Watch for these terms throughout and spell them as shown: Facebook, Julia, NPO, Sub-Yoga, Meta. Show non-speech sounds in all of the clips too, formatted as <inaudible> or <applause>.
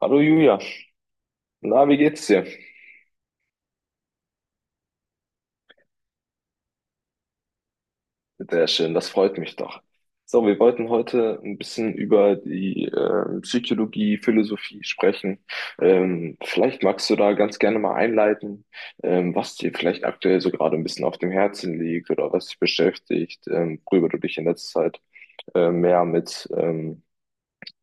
Hallo Julia, na, wie geht's dir? Sehr schön, das freut mich doch. So, wir wollten heute ein bisschen über die Psychologie, Philosophie sprechen. Vielleicht magst du da ganz gerne mal einleiten, was dir vielleicht aktuell so gerade ein bisschen auf dem Herzen liegt oder was dich beschäftigt, worüber du dich in letzter Zeit mehr mit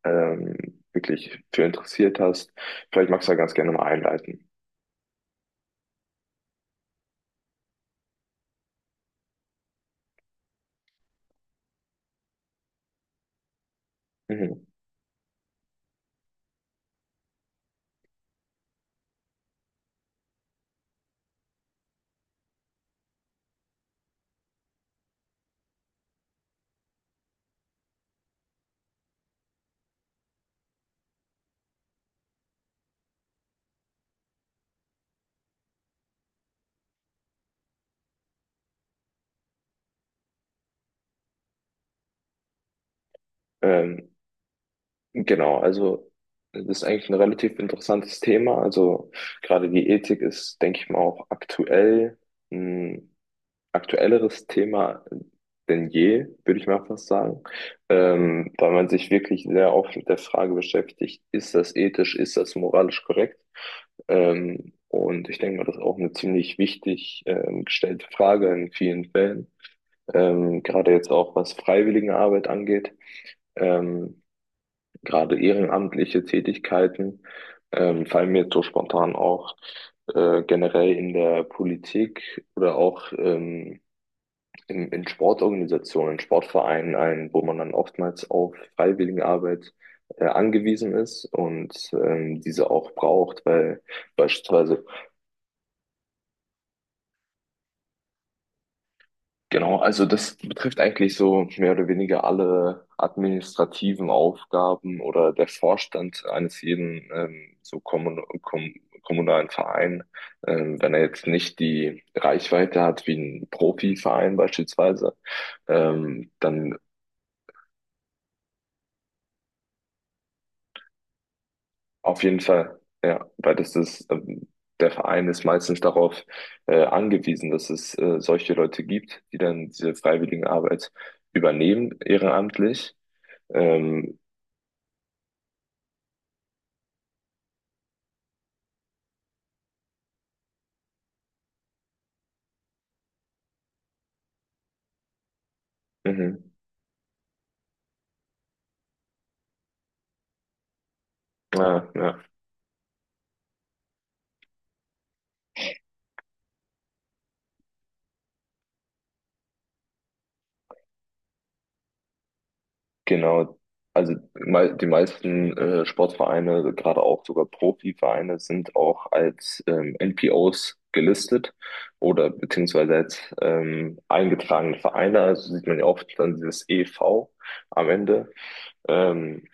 ähm, wirklich für interessiert hast. Vielleicht magst du da ganz gerne mal einleiten. Mhm. Ähm, Genau, also das ist eigentlich ein relativ interessantes Thema. Also gerade die Ethik ist, denke ich mal, auch aktuell ein aktuelleres Thema denn je, würde ich mal fast sagen. Da man sich wirklich sehr oft mit der Frage beschäftigt, ist das ethisch, ist das moralisch korrekt? Und ich denke mal, das ist auch eine ziemlich wichtig gestellte Frage in vielen Fällen, gerade jetzt auch was Freiwilligenarbeit angeht. Ähm, gerade ehrenamtliche Tätigkeiten fallen mir jetzt so spontan auch generell in der Politik oder auch in Sportorganisationen, Sportvereinen ein, wo man dann oftmals auf Freiwilligenarbeit angewiesen ist und diese auch braucht, weil beispielsweise. Genau, also das betrifft eigentlich so mehr oder weniger alle administrativen Aufgaben oder der Vorstand eines jeden so kommunalen Verein, wenn er jetzt nicht die Reichweite hat wie ein Profiverein beispielsweise, dann auf jeden Fall, ja, weil das ist, der Verein ist meistens darauf angewiesen, dass es solche Leute gibt, die dann diese freiwillige Arbeit übernehmen, ehrenamtlich. Ähm, Mhm. Ja, ja, genau. Also die meisten Sportvereine, gerade auch sogar Profivereine, sind auch als NPOs gelistet oder beziehungsweise als eingetragene Vereine. Also sieht man ja oft dann dieses EV am Ende. Ähm,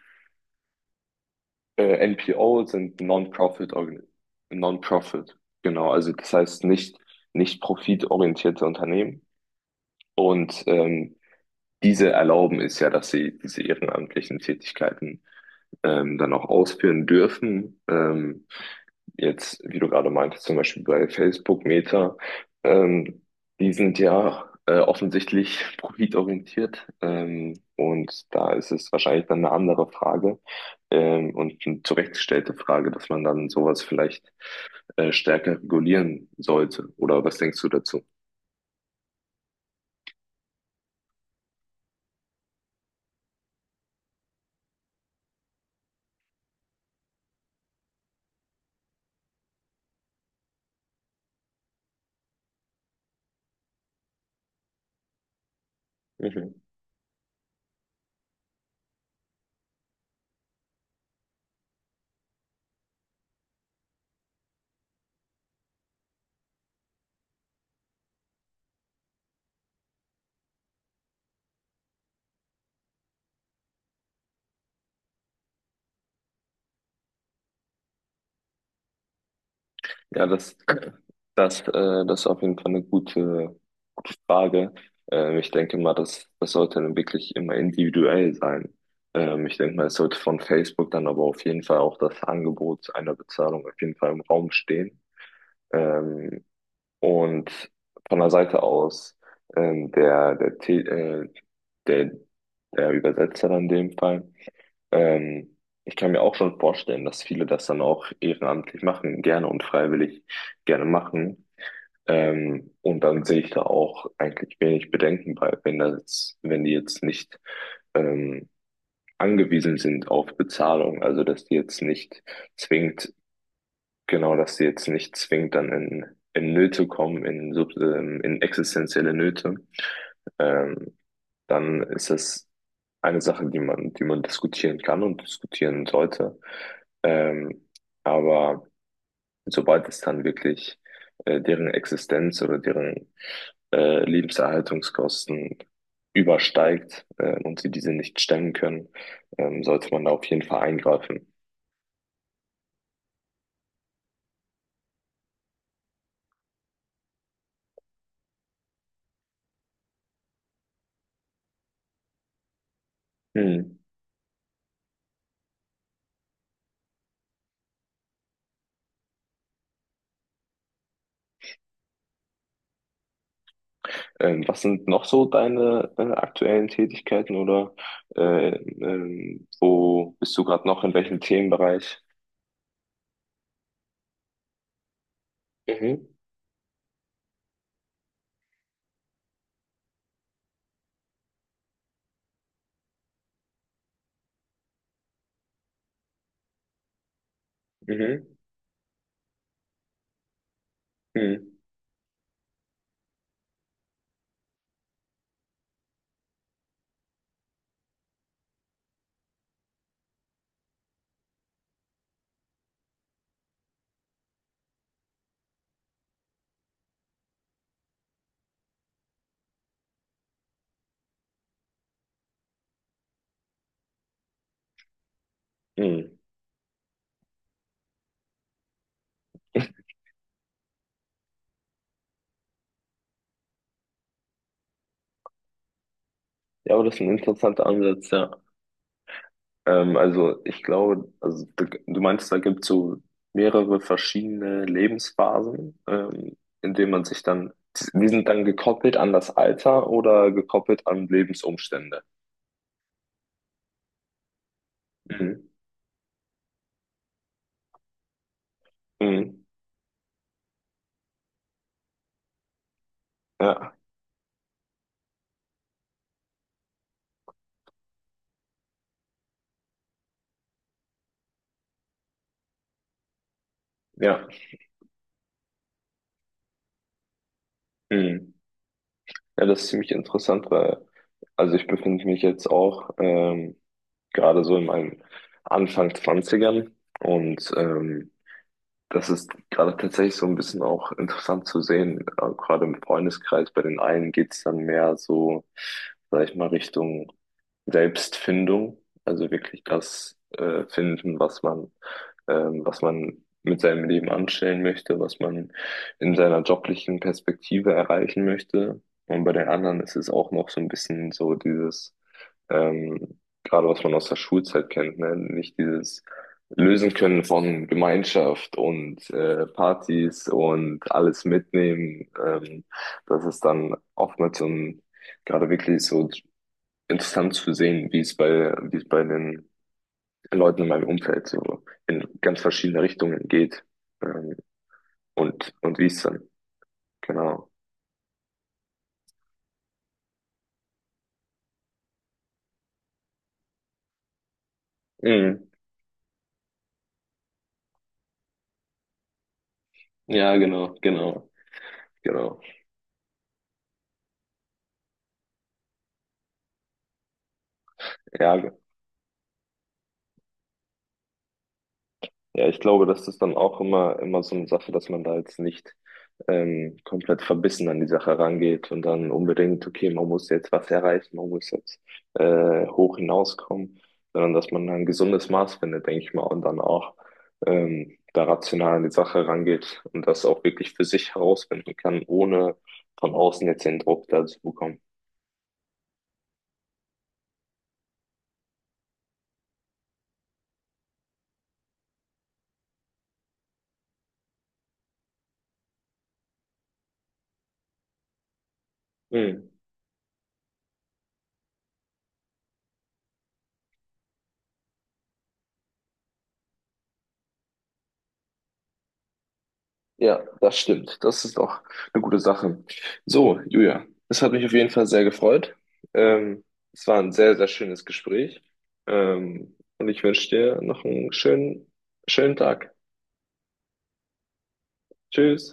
NPO sind Non-Profit, genau. Also das heißt nicht, nicht profitorientierte Unternehmen. Und diese erlauben es ja, dass sie diese ehrenamtlichen Tätigkeiten dann auch ausführen dürfen. Jetzt, wie du gerade meintest, zum Beispiel bei Facebook, Meta, ähm, die sind ja offensichtlich <laughs> profitorientiert, und da ist es wahrscheinlich dann eine andere Frage und eine zurechtgestellte Frage, dass man dann sowas vielleicht stärker regulieren sollte. Oder was denkst du dazu? Mhm. Ja, das, das, äh, das ist auf jeden Fall eine gute Frage. Ich denke mal, das sollte dann wirklich immer individuell sein. Ich denke mal, es sollte von Facebook dann aber auf jeden Fall auch das Angebot einer Bezahlung auf jeden Fall im Raum stehen. Ähm, und von der Seite aus ähm, der, der, Te- äh, der, der Übersetzer in dem Fall. Ähm, ich kann mir auch schon vorstellen, dass viele das dann auch ehrenamtlich machen, gerne und freiwillig gerne machen. Und dann sehe ich da auch eigentlich wenig Bedenken bei, wenn die jetzt nicht ähm, angewiesen sind auf Bezahlung, also dass die jetzt nicht zwingt, genau, dass die jetzt nicht zwingt, dann in Nöte kommen, in existenzielle Nöte. Ähm, dann ist es eine Sache, die man diskutieren kann und diskutieren sollte. Ähm, aber sobald es dann wirklich deren Existenz oder deren Lebenserhaltungskosten übersteigt, und sie diese nicht stemmen können, sollte man da auf jeden Fall eingreifen. Hm. Was sind noch so deine aktuellen Tätigkeiten oder wo bist du gerade noch in welchem Themenbereich? Mhm. Mhm. Hm. Hm. Ja, aber das ist ein interessanter Ansatz, ja. Also ich glaube, also du meinst, da gibt es so mehrere verschiedene Lebensphasen, in denen man sich dann, die sind dann gekoppelt an das Alter oder gekoppelt an Lebensumstände. Mhm. Mhm. Ja, ja. Mhm. Ja, das ist ziemlich interessant, weil, also ich befinde mich jetzt auch gerade so in meinen Anfang Zwanzigern und das ist gerade tatsächlich so ein bisschen auch interessant zu sehen. Gerade im Freundeskreis, bei den einen geht's dann mehr so, sag ich mal, Richtung Selbstfindung. Also wirklich das finden, was man mit seinem Leben anstellen möchte, was man in seiner joblichen Perspektive erreichen möchte. Und bei den anderen ist es auch noch so ein bisschen so dieses, gerade was man aus der Schulzeit kennt, ne? Nicht dieses lösen können von Gemeinschaft und Partys und alles mitnehmen. Das ist dann oftmals so ein, gerade wirklich so interessant zu sehen, wie es bei den Leuten in meinem Umfeld so in ganz verschiedene Richtungen geht. Ähm, und wie es dann, genau. Mhm. Ja, genau. Ja. Ja, ich glaube, das ist dann auch immer so eine Sache, dass man da jetzt nicht komplett verbissen an die Sache rangeht und dann unbedingt, okay, man muss jetzt was erreichen, man muss jetzt hoch hinauskommen, sondern dass man ein gesundes Maß findet, denke ich mal, und dann auch da rational an die Sache rangeht und das auch wirklich für sich herausfinden kann, ohne von außen jetzt den Druck da zu bekommen. Mhm. Ja, das stimmt. Das ist auch eine gute Sache. So, Julia, es hat mich auf jeden Fall sehr gefreut. Ähm, es war ein sehr schönes Gespräch. Und ich wünsche dir noch einen schönen Tag. Tschüss.